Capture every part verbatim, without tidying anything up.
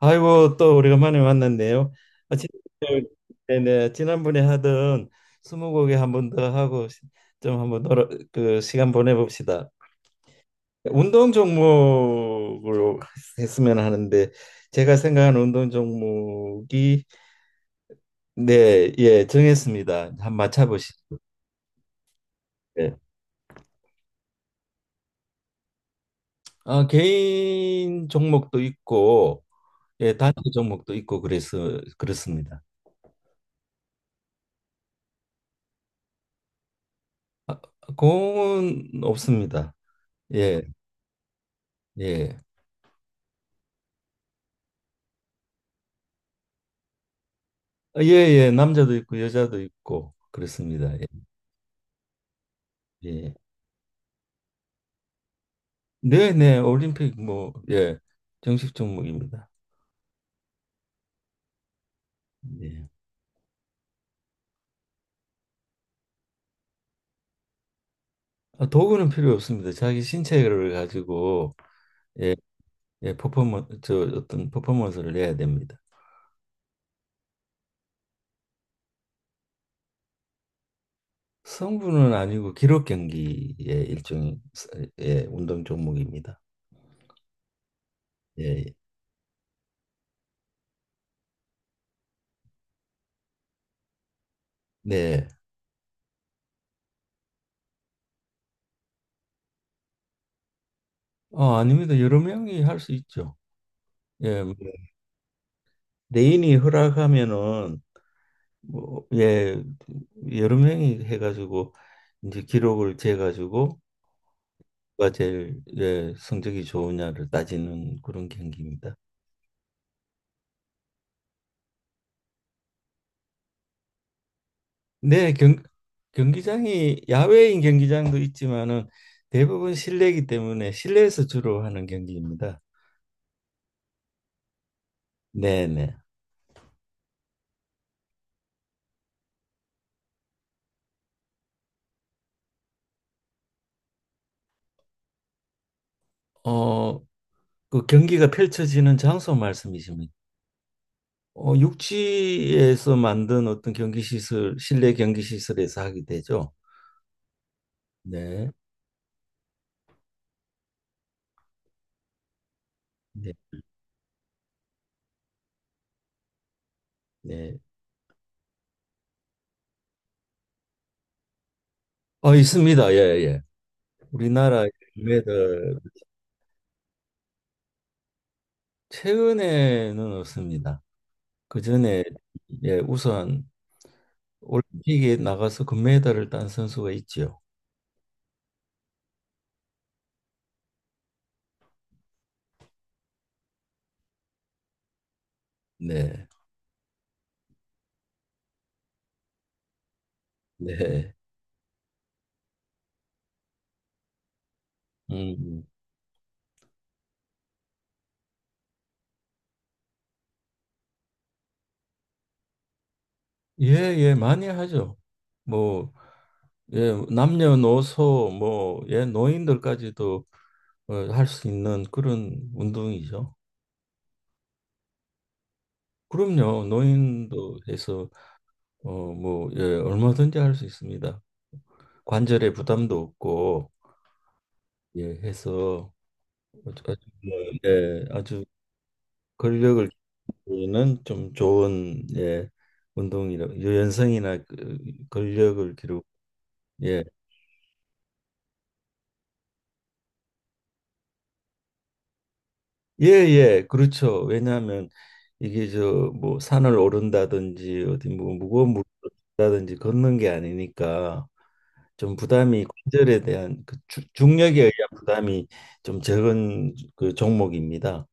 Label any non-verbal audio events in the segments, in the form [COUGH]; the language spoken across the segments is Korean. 아이고 또 오래간만에 만났네요. 아, 지- 네네, 지난번에 하던 스무고개 한 번 더 하고 시- 좀 한번 놀아, 그 시간 보내봅시다. 운동 종목으로 했으면 하는데 제가 생각하는 운동 종목이 네, 예, 정했습니다. 한번 맞춰보시죠. 예. 아, 개인 종목도 있고 예, 단체 종목도 있고 그래서 그렇습니다. 아, 공은 없습니다. 예, 예. 아, 예, 예, 남자도 있고 여자도 있고 그렇습니다. 예. 예. 네, 네, 올림픽 뭐 예, 정식 종목입니다. 예. 아, 도구는 필요 없습니다. 자기 신체를 가지고 예, 예, 퍼포먼 저 어떤 퍼포먼스를 내야 됩니다. 성분은 아니고 기록 경기의 일종의 예, 운동 종목입니다. 예, 예. 네. 어, 아닙니다. 여러 명이 할 수 있죠. 예, 뭐, 레인이 허락하면은 뭐, 예, 여러 명이 해가지고 이제 기록을 재가지고 누가 제일 예, 성적이 좋으냐를 따지는 그런 경기입니다. 네, 경, 경기장이 야외인 경기장도 있지만은 대부분 실내이기 때문에 실내에서 주로 하는 경기입니다. 네, 네. 어, 그 경기가 펼쳐지는 장소 말씀이십니까? 어, 육지에서 만든 어떤 경기 시설, 실내 경기 시설에서 하게 되죠. 네. 네. 네. 어, 있습니다. 예, 예. 우리나라 매들 최근에는 없습니다. 그 전에 예, 우선 올림픽에 나가서 금메달을 딴 선수가 있지요. 네. 네. 음. 예, 예, 많이 하죠. 뭐 예, 남녀노소 뭐 예, 노인들까지도 어, 할 수 있는 그런 운동이죠. 그럼요. 노인도 해서 어, 뭐 예, 얼마든지 할 수 있습니다. 관절에 부담도 없고 예, 해서 아주 아주, 예, 아주 근력을 기르는 좀 좋은 예, 운동이라 유연성이나 그 근력을 기르고 예, 예, 예, 그렇죠. 왜냐하면 이게 저 뭐 산을 오른다든지 어디 뭐 무거운 물을 든다든지 걷는 게 아니니까 좀 부담이 관절에 대한 그 주- 중력에 의한 부담이 좀 적은 그 종목입니다.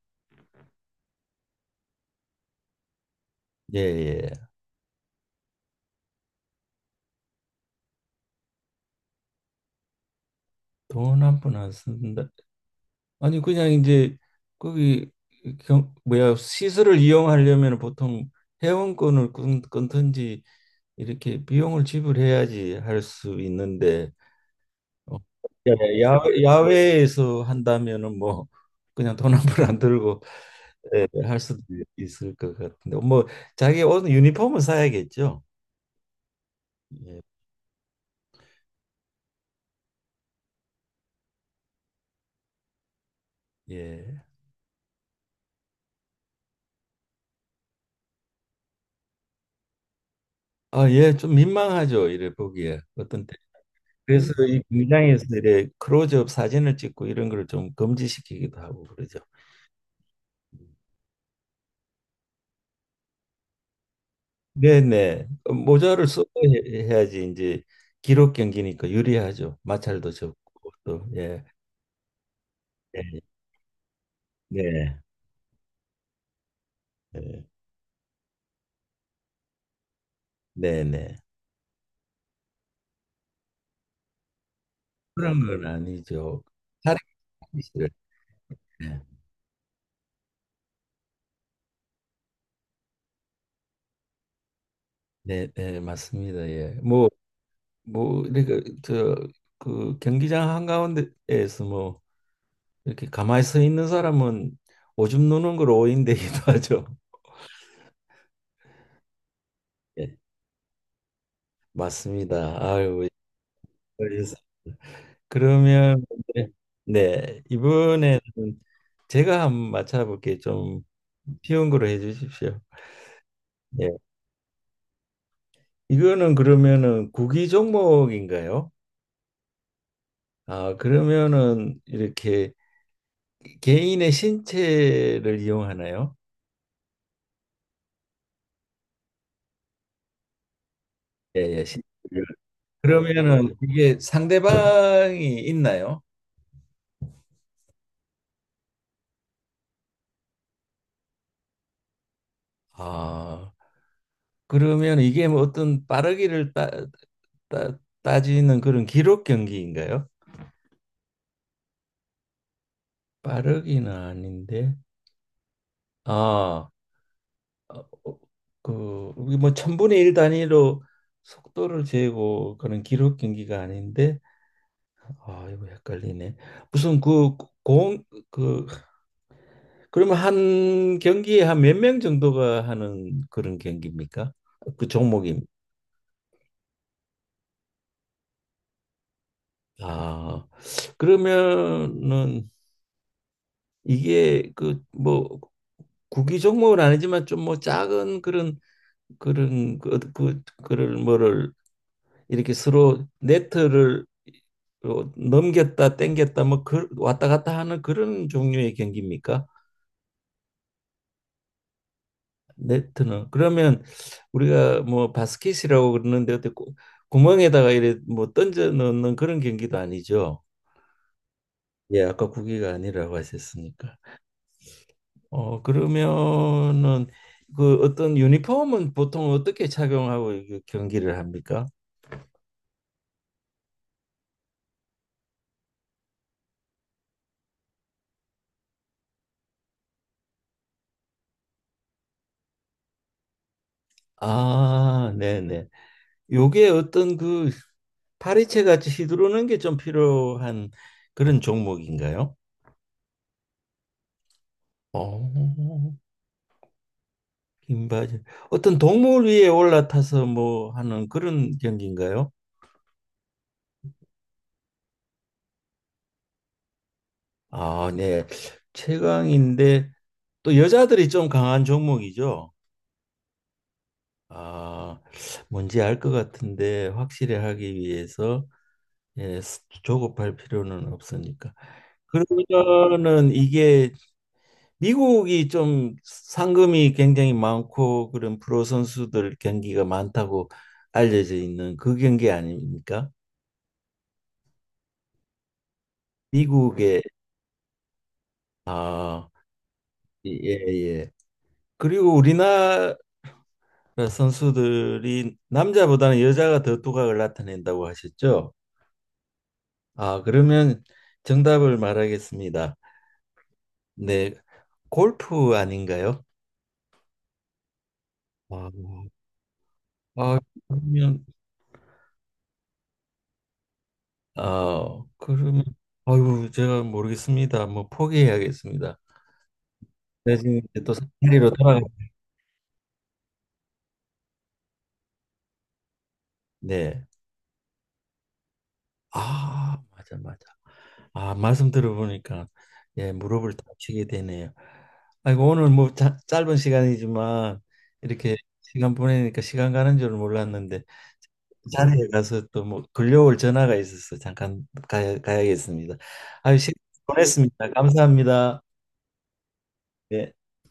예, 예. 돈 한푼 안 쓴다. 아니 그냥 이제 거기 경, 뭐야 시설을 이용하려면 보통 회원권을 끊, 끊든지 이렇게 비용을 지불해야지 할 수 있는데 어, 야- 야외, 야외에서 한다면은 뭐 그냥 돈 한 푼 안 들고 예, 할 수도 있을 것 같은데 뭐 자기 옷 유니폼은 사야겠죠. 예, 예. 아, 예, 좀 민망하죠. 이래 보기에 어떤 그래서 이 공장에서 이래 크로즈업 사진을 찍고 이런 걸 좀 금지시키기도 하고 그러죠. 네네. 어, 모자를 쓰고 해- 해야지 이제 기록 경기니까 유리하죠. 마찰도 적고 또 예. 예. 네. 네. 네네. 그런 건 아니죠. 다른 기술을. 네. 네, 네, 맞습니다. 예. 뭐, 뭐, 이렇게, 저, 그 경기장 한가운데에서 뭐, 이렇게 가만히 서 있는 사람은 오줌 누는 걸 오인되기도 [LAUGHS] 하죠. 예. 맞습니다. 아유, 그래서- 그러면 네, 네, 이번에는 제가 한번 맞춰볼게 좀 쉬운 거로 해주십시오. 예, 이거는 그러면은 구기 종목인가요? 아, 그러면은 이렇게 개인의 신체를 이용하나요? 예, 예. 신- 그러면은 이게 상대방이 있나요? 아, 그러면 이게 뭐 어떤 빠르기를 따, 따, 따지는 그런 기록 경기인가요? 빠르기는 아닌데 아, 어, 어, 그, 우리 뭐 천분의 일 단위로 속도를 재고 그런 기록 경기가 아닌데 아 이거 헷갈리네 무슨 그 공 그 그러면 한 경기에 한 몇 명 정도가 하는 그런 경기입니까? 그 종목이 아 그러면은 이게 그 뭐 구기 종목은 아니지만 좀 뭐 작은 그런 그런 그, 그 그를 뭐를 이렇게 서로 네트를 어, 넘겼다 땡겼다 뭐 그, 왔다 갔다 하는 그런 종류의 경기입니까? 네트는 그러면 우리가 뭐 바스켓이라고 그러는데 어때 구- 구멍에다가 이래 뭐 던져 넣는 그런 경기도 아니죠. 예, 아까 구기가 아니라고 하셨으니까. 어 그러면은 그 어떤 유니폼은 보통 어떻게 착용하고 이게 경기를 합니까? 아, 네네. 요게 어떤 그 파리채 같이 휘두르는 게 좀 필요한 그런 종목인가요? 어, 긴 바지. 어떤 동물 위에 올라타서 뭐 하는 그런 경기인가요? 아, 네. 최강인데 또 여자들이 좀 강한 종목이죠. 아, 뭔지 알 것 같은데 확실히 하기 위해서 예, 조급할 필요는 없으니까. 그러면은 이게 미국이 좀 상금이 굉장히 많고 그런 프로 선수들 경기가 많다고 알려져 있는 그 경기 아닙니까? 미국의 아, 예, 예. 그리고 우리나라 선수들이 남자보다는 여자가 더 두각을 나타낸다고 하셨죠? 아, 그러면 정답을 말하겠습니다. 네, 골프 아닌가요? 아, 아, 그러면 아, 그러면 아이 제가 모르겠습니다. 뭐 포기해야겠습니다. 네, 지금 이제 또 사다리로 돌아가. 네. 아, 맞아, 맞아. 아, 말씀 들어보니까 예, 무릎을 다치게 되네요. 아이고 오늘 뭐 자- 짧은 시간이지만 이렇게 시간 보내니까 시간 가는 줄 몰랐는데 자리에 가서 또 뭐 걸려올 전화가 있어서 잠깐 가야, 가야겠습니다. 아유, 시간 보냈습니다. 감사합니다. 네.